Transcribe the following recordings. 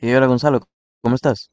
Y hola Gonzalo, ¿cómo estás?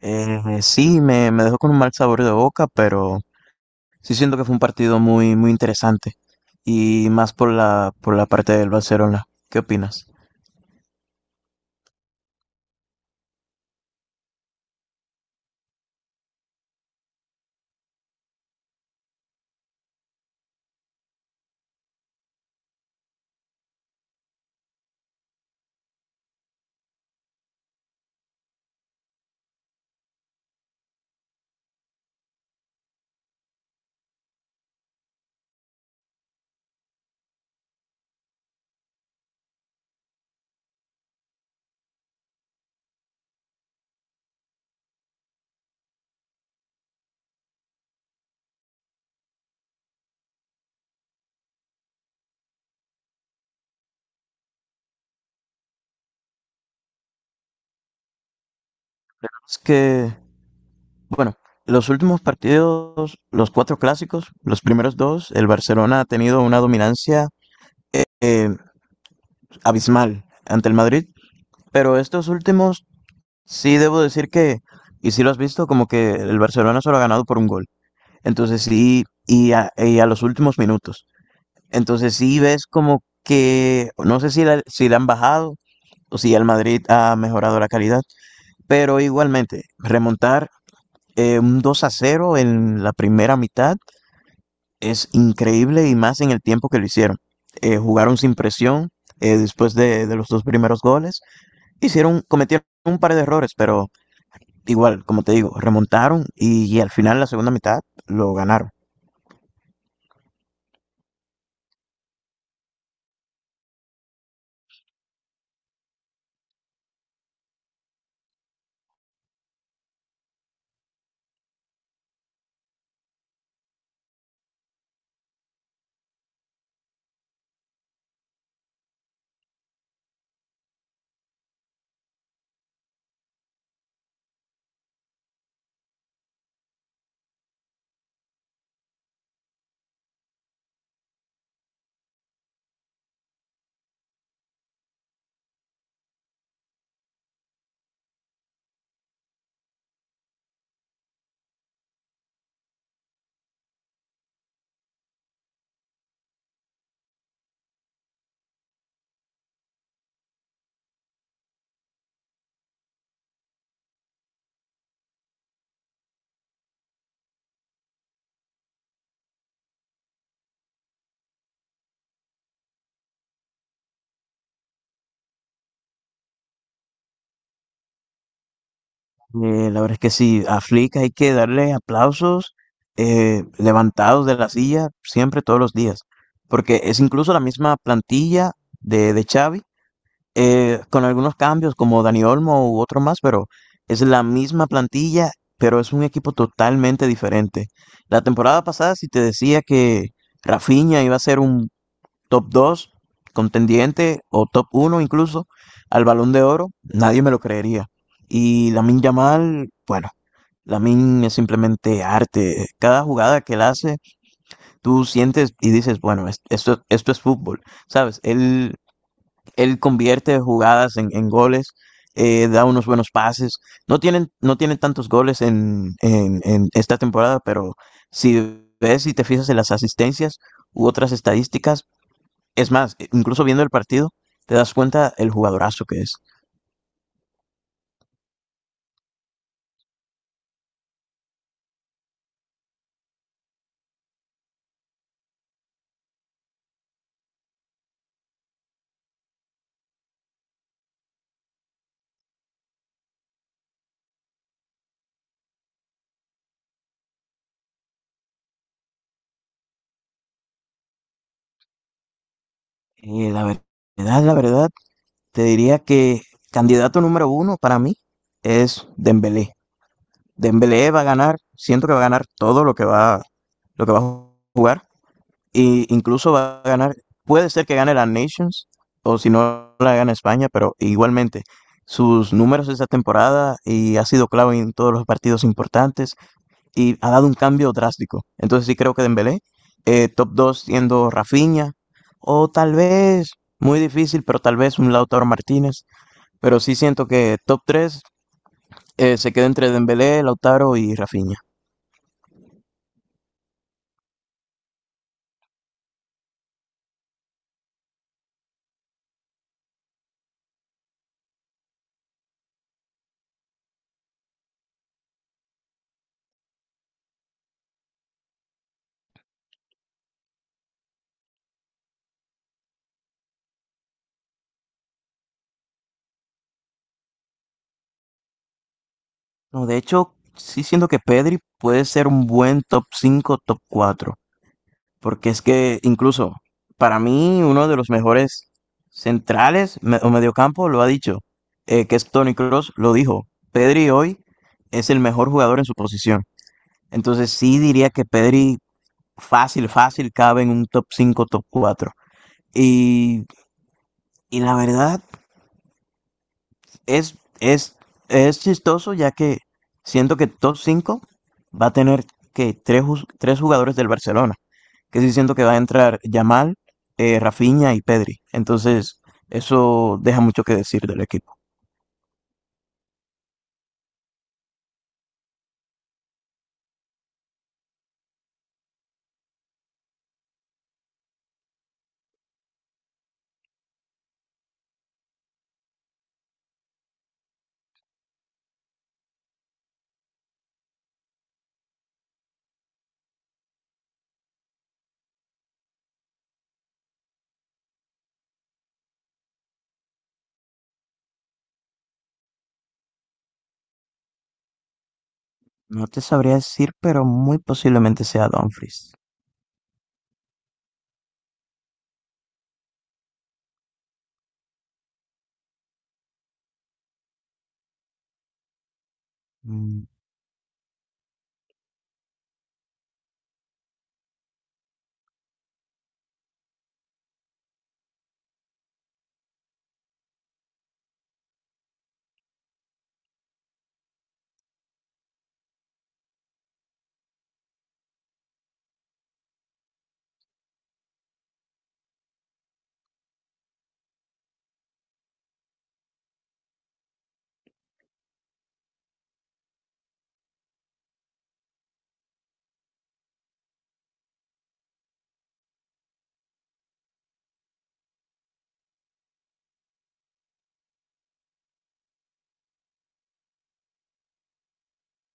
Sí, me dejó con un mal sabor de boca, pero sí siento que fue un partido muy interesante. Y más por por la parte del Barcelona. ¿Qué opinas? Es que, bueno, los últimos partidos, los cuatro clásicos, los primeros dos, el Barcelona ha tenido una dominancia eh, abismal ante el Madrid, pero estos últimos. Sí, debo decir que, y si lo has visto, como que el Barcelona solo ha ganado por un gol. Entonces sí, y a los últimos minutos. Entonces sí ves como que, no sé si si la han bajado o si el Madrid ha mejorado la calidad, pero igualmente, remontar un 2 a 0 en la primera mitad es increíble y más en el tiempo que lo hicieron. Jugaron sin presión después de los dos primeros goles. Cometieron un par de errores, pero igual, como te digo, remontaron y al final, la segunda mitad, lo ganaron. La verdad es que sí, a Flick hay que darle aplausos levantados de la silla siempre, todos los días, porque es incluso la misma plantilla de Xavi, con algunos cambios como Dani Olmo u otro más, pero es la misma plantilla, pero es un equipo totalmente diferente. La temporada pasada, si te decía que Rafinha iba a ser un top 2 contendiente o top uno incluso al Balón de Oro, nadie me lo creería. Y Lamin Yamal, bueno, Lamin es simplemente arte. Cada jugada que él hace, tú sientes y dices, bueno, esto, esto es fútbol, ¿sabes? Él convierte jugadas en goles. Da unos buenos pases. No tienen tantos goles en esta temporada, pero si ves y te fijas en las asistencias u otras estadísticas, es más, incluso viendo el partido, te das cuenta el jugadorazo que es. Eh, la ver- verdad, la verdad, te diría que candidato número uno para mí es Dembélé. Dembélé va a ganar, siento que va a ganar todo lo que va a jugar, e incluso va a ganar, puede ser que gane la Nations, o si no la gana España, pero igualmente, sus números esta temporada y ha sido clave en todos los partidos importantes, y ha dado un cambio drástico. Entonces sí creo que Dembélé, top 2 siendo Rafinha, o tal vez, muy difícil, pero tal vez un Lautaro Martínez. Pero sí siento que top tres se queda entre Dembélé, Lautaro y Rafinha. No, de hecho, sí siento que Pedri puede ser un buen top cinco, top cuatro. Porque es que incluso para mí uno de los mejores centrales o mediocampo lo ha dicho, que es Toni Kroos, lo dijo. Pedri hoy es el mejor jugador en su posición. Entonces sí diría que Pedri fácil, fácil cabe en un top cinco, top cuatro. Y, y la verdad es, es, es chistoso ya que siento que top 5 va a tener que tres, tres jugadores del Barcelona. Que sí siento que va a entrar Yamal, Rafinha y Pedri. Entonces, eso deja mucho que decir del equipo. No te sabría decir, pero muy posiblemente sea Dumfries. Mm,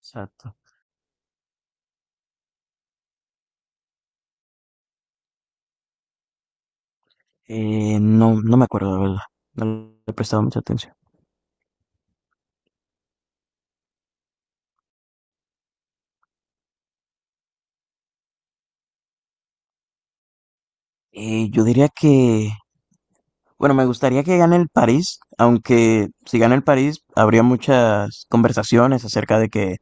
exacto. No, no me acuerdo, la verdad. No le he prestado mucha atención. Yo diría que bueno, me gustaría que gane el París, aunque si gana el París habría muchas conversaciones acerca de que,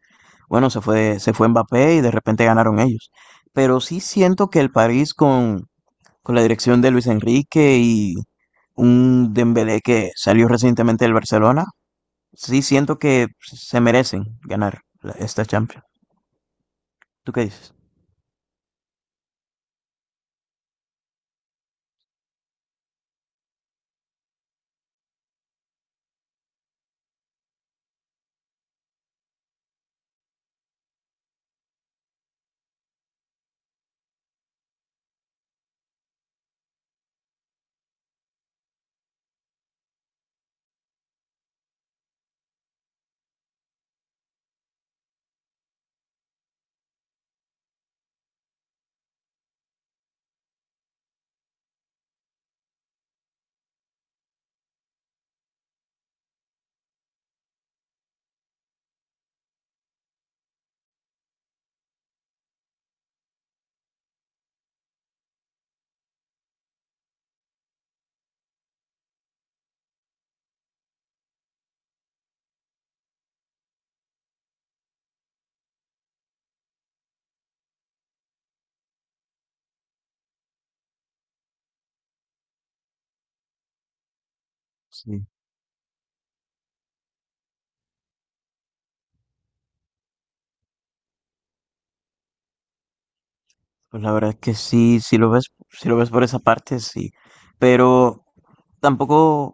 bueno, se fue Mbappé y de repente ganaron ellos. Pero sí siento que el París con la dirección de Luis Enrique y un Dembélé que salió recientemente del Barcelona, sí siento que se merecen ganar esta Champions. ¿Tú qué dices? Sí. Pues la verdad es que sí, si lo ves, si lo ves por esa parte, sí. Pero tampoco,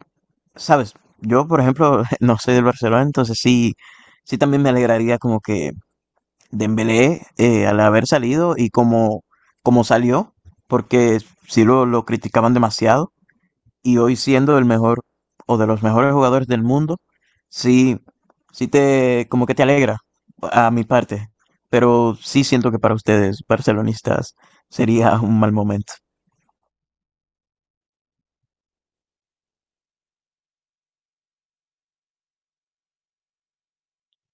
sabes, yo por ejemplo no soy del Barcelona, entonces sí, sí también me alegraría como que Dembélé, al haber salido y como, como salió, porque sí lo criticaban demasiado y hoy siendo el mejor o de los mejores jugadores del mundo, sí, como que te alegra a mi parte, pero sí siento que para ustedes, barcelonistas, sería un mal momento.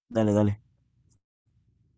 Dale, dale.